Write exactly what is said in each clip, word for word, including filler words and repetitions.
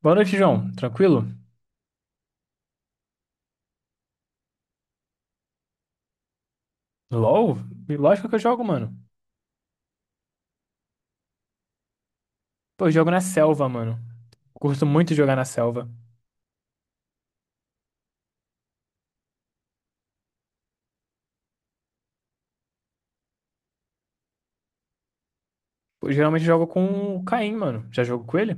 Boa noite, João. Tranquilo? LOL? Lógico que eu jogo, mano. Pô, eu jogo na selva, mano. Curto muito jogar na selva. Pô, geralmente eu jogo com o Caim, mano. Já jogo com ele?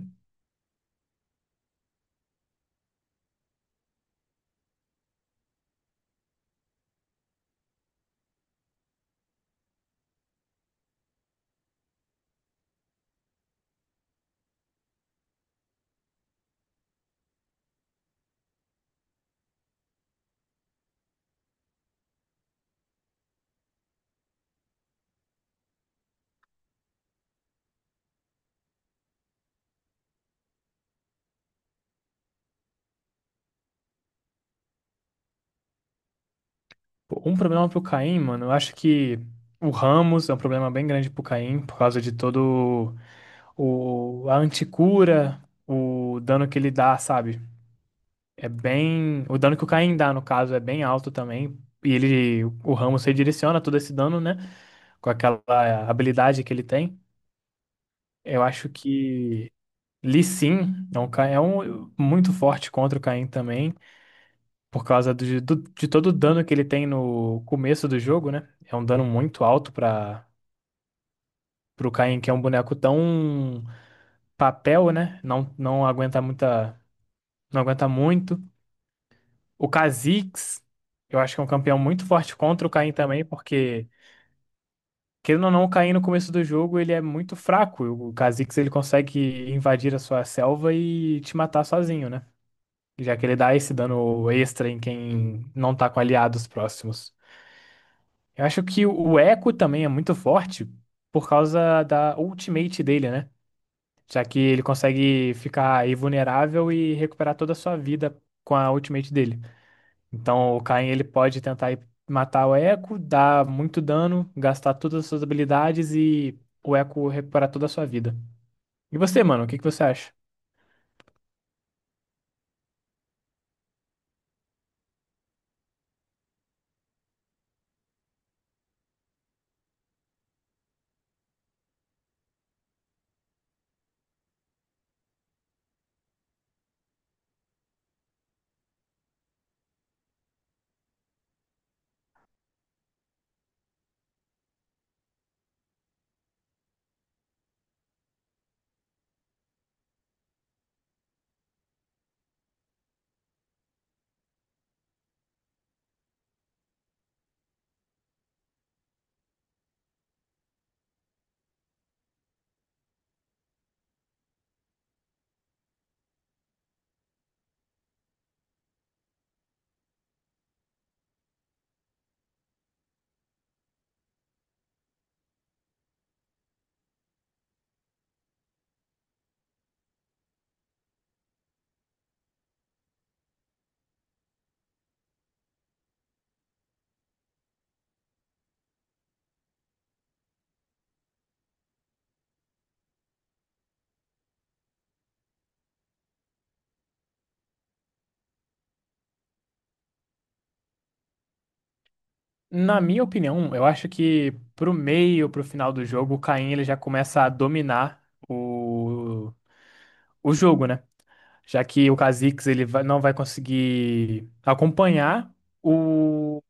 Pô, um problema pro Caim, mano. Eu acho que o Ramos é um problema bem grande pro Caim, por causa de todo o... a anticura, o dano que ele dá, sabe? É bem. O dano que o Caim dá, no caso, é bem alto também. E ele, o Ramos redireciona todo esse dano, né? Com aquela habilidade que ele tem. Eu acho que Lee Sin é um, ca- é um muito forte contra o Caim também, por causa do- do- de todo o dano que ele tem no começo do jogo, né? É um dano muito alto para o Caim, que é um boneco tão papel, né? Não, não aguenta muita, não aguenta muito. O Kha'Zix, eu acho que é um campeão muito forte contra o Caim também, porque querendo ou não, o Caim no começo do jogo ele é muito fraco. O Kha'Zix ele consegue invadir a sua selva e te matar sozinho, né? Já que ele dá esse dano extra em quem não tá com aliados próximos. Eu acho que o Echo também é muito forte por causa da ultimate dele, né? Já que ele consegue ficar invulnerável e recuperar toda a sua vida com a ultimate dele. Então o Kayn ele pode tentar ir matar o Echo, dar muito dano, gastar todas as suas habilidades e o Echo recuperar toda a sua vida. E você, mano, o que que você acha? Na minha opinião, eu acho que pro meio, pro final do jogo, o Caim ele já começa a dominar o, o jogo, né? Já que o Kha'Zix ele vai- não vai conseguir acompanhar o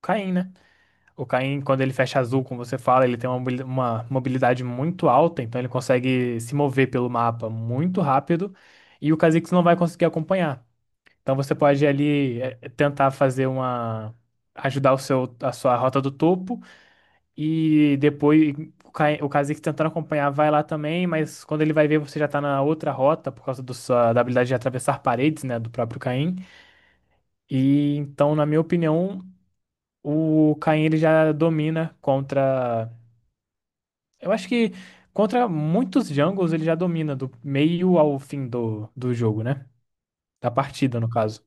Caim, né? O Caim, quando ele fecha azul, como você fala, ele tem uma, mobili- uma mobilidade muito alta, então ele consegue se mover pelo mapa muito rápido e o Kha'Zix não vai conseguir acompanhar. Então você pode ali eh, tentar fazer uma ajudar o seu, a sua rota do topo e depois o Kai- o Kha'Zix tentando acompanhar vai lá também, mas quando ele vai ver você já tá na outra rota por causa do sua- da habilidade de atravessar paredes, né, do próprio Caim. E então, na minha opinião, o Caim ele já domina contra, eu acho que contra muitos Jungles ele já domina do meio ao fim do, do jogo, né? Da partida, no caso.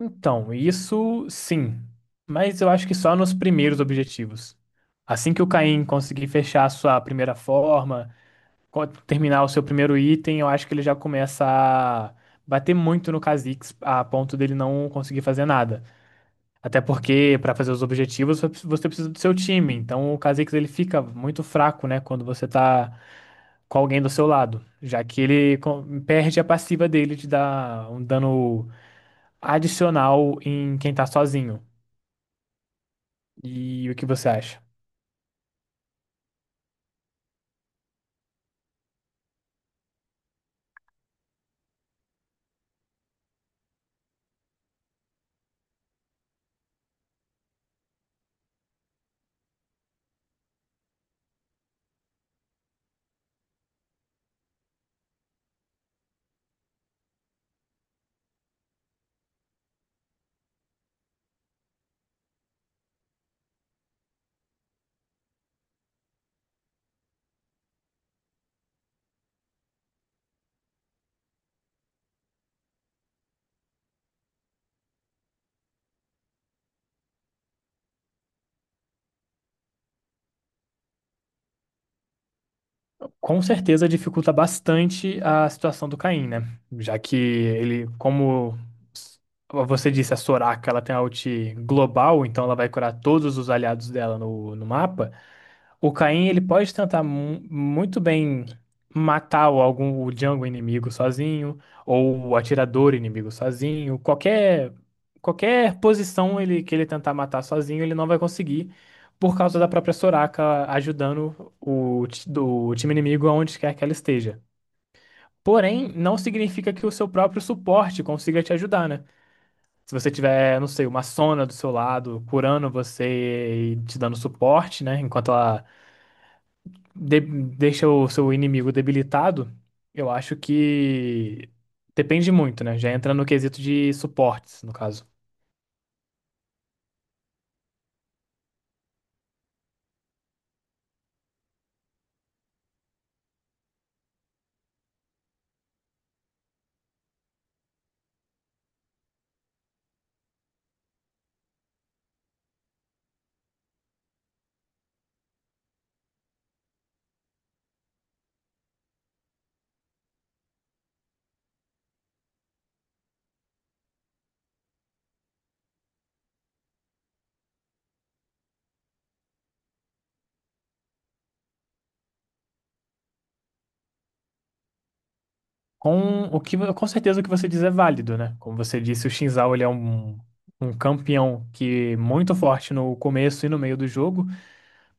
Então, isso sim, mas eu acho que só nos primeiros objetivos. Assim que o Caim conseguir fechar a sua primeira forma co- terminar o seu primeiro item, eu acho que ele já começa a bater muito no Kha'Zix a ponto dele não conseguir fazer nada. Até porque para fazer os objetivos você precisa você precisa do seu time. Então o Kha'Zix ele fica muito fraco, né, quando você tá com alguém do seu lado, já que ele co- perde a passiva dele de dar um dano adicional em quem tá sozinho. E o que você acha? Com certeza dificulta bastante a situação do Caim, né? Já que ele, como s- você disse, a Soraka, ela tem a ult global, então ela vai curar todos os aliados dela no, no mapa. O Caim, ele pode tentar mu- muito bem matar o, algum, o jungle inimigo sozinho, ou o atirador inimigo sozinho, qualquer, qualquer posição ele, que ele tentar matar sozinho, ele não vai conseguir por causa da própria Soraka ajudando o, ti- do time inimigo aonde quer que ela esteja. Porém, não significa que o seu próprio suporte consiga te ajudar, né? Se você tiver, não sei, uma Sona do seu lado, curando você e te dando suporte, né? Enquanto ela de- deixa o seu inimigo debilitado, eu acho que depende muito, né? Já entra no quesito de suportes, no caso. Com o que, com certeza o que você diz é válido, né? Como você disse, o Xin Zhao ele é um, um campeão que é muito forte no começo e no meio do jogo.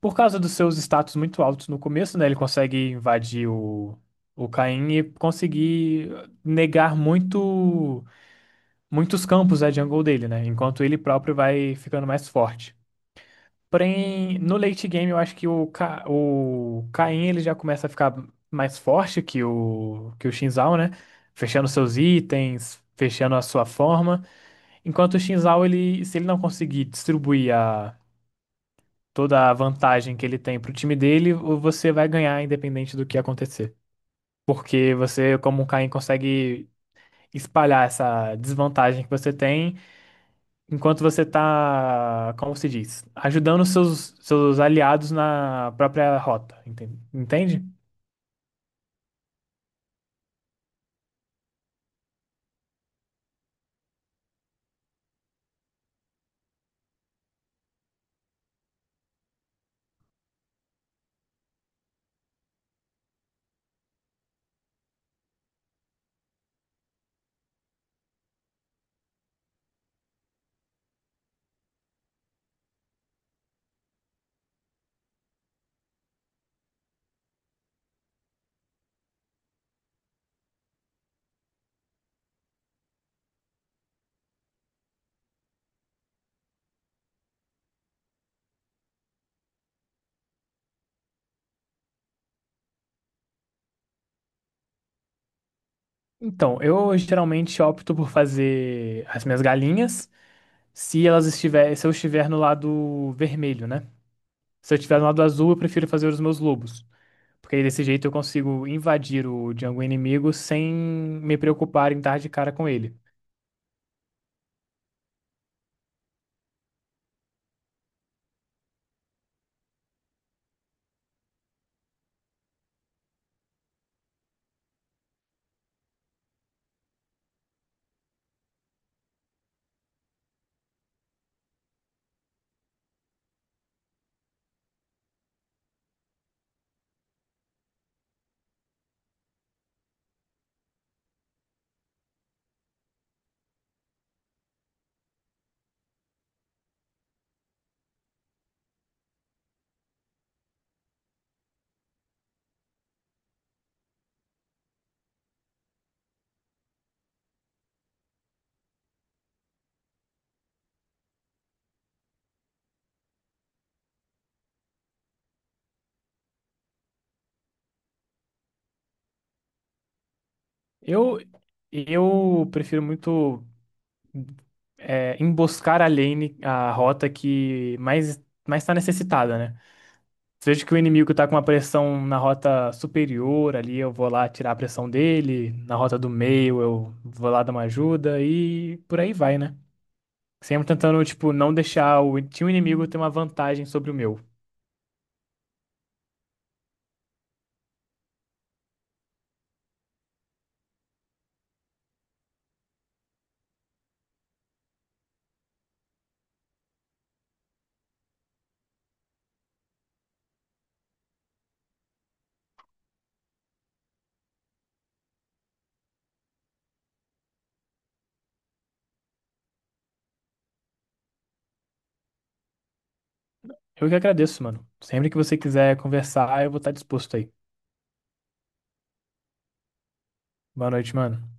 Por causa dos seus status muito altos no começo, né? Ele consegue invadir o, o Kayn e conseguir negar muito, muitos campos da jungle dele, né? Enquanto ele próprio vai ficando mais forte. Porém, no late game eu acho que o, Ca... o Kayn ele já começa a ficar mais forte que o que o Xin Zhao, né? Fechando seus itens, fechando a sua forma. Enquanto o Xin Zhao, ele... se ele não conseguir distribuir a... toda a vantagem que ele tem pro time dele, o- você vai ganhar independente do que acontecer. Porque você, como o Kayn, consegue espalhar essa desvantagem que você tem enquanto você está, como se diz, ajudando seus, seus aliados na própria rota, enten- entende? Então, eu geralmente opto por fazer as minhas galinhas se elas estiver, se eu estiver no lado vermelho, né? Se eu estiver no lado azul, eu prefiro fazer os meus lobos. Porque aí desse jeito eu consigo invadir o jungle inimigo sem me preocupar em dar de cara com ele. Eu, eu prefiro muito. É, emboscar a lane, a rota que mais mais está necessitada, né? Se eu vejo que o inimigo tá com uma pressão na rota superior ali, eu vou lá tirar a pressão dele, na rota do meio eu vou lá dar uma ajuda e por aí vai, né? Sempre tentando, tipo, não deixar o time inimigo ter uma vantagem sobre o meu. Eu que agradeço, mano. Sempre que você quiser conversar, eu vou estar disposto aí. Boa noite, mano.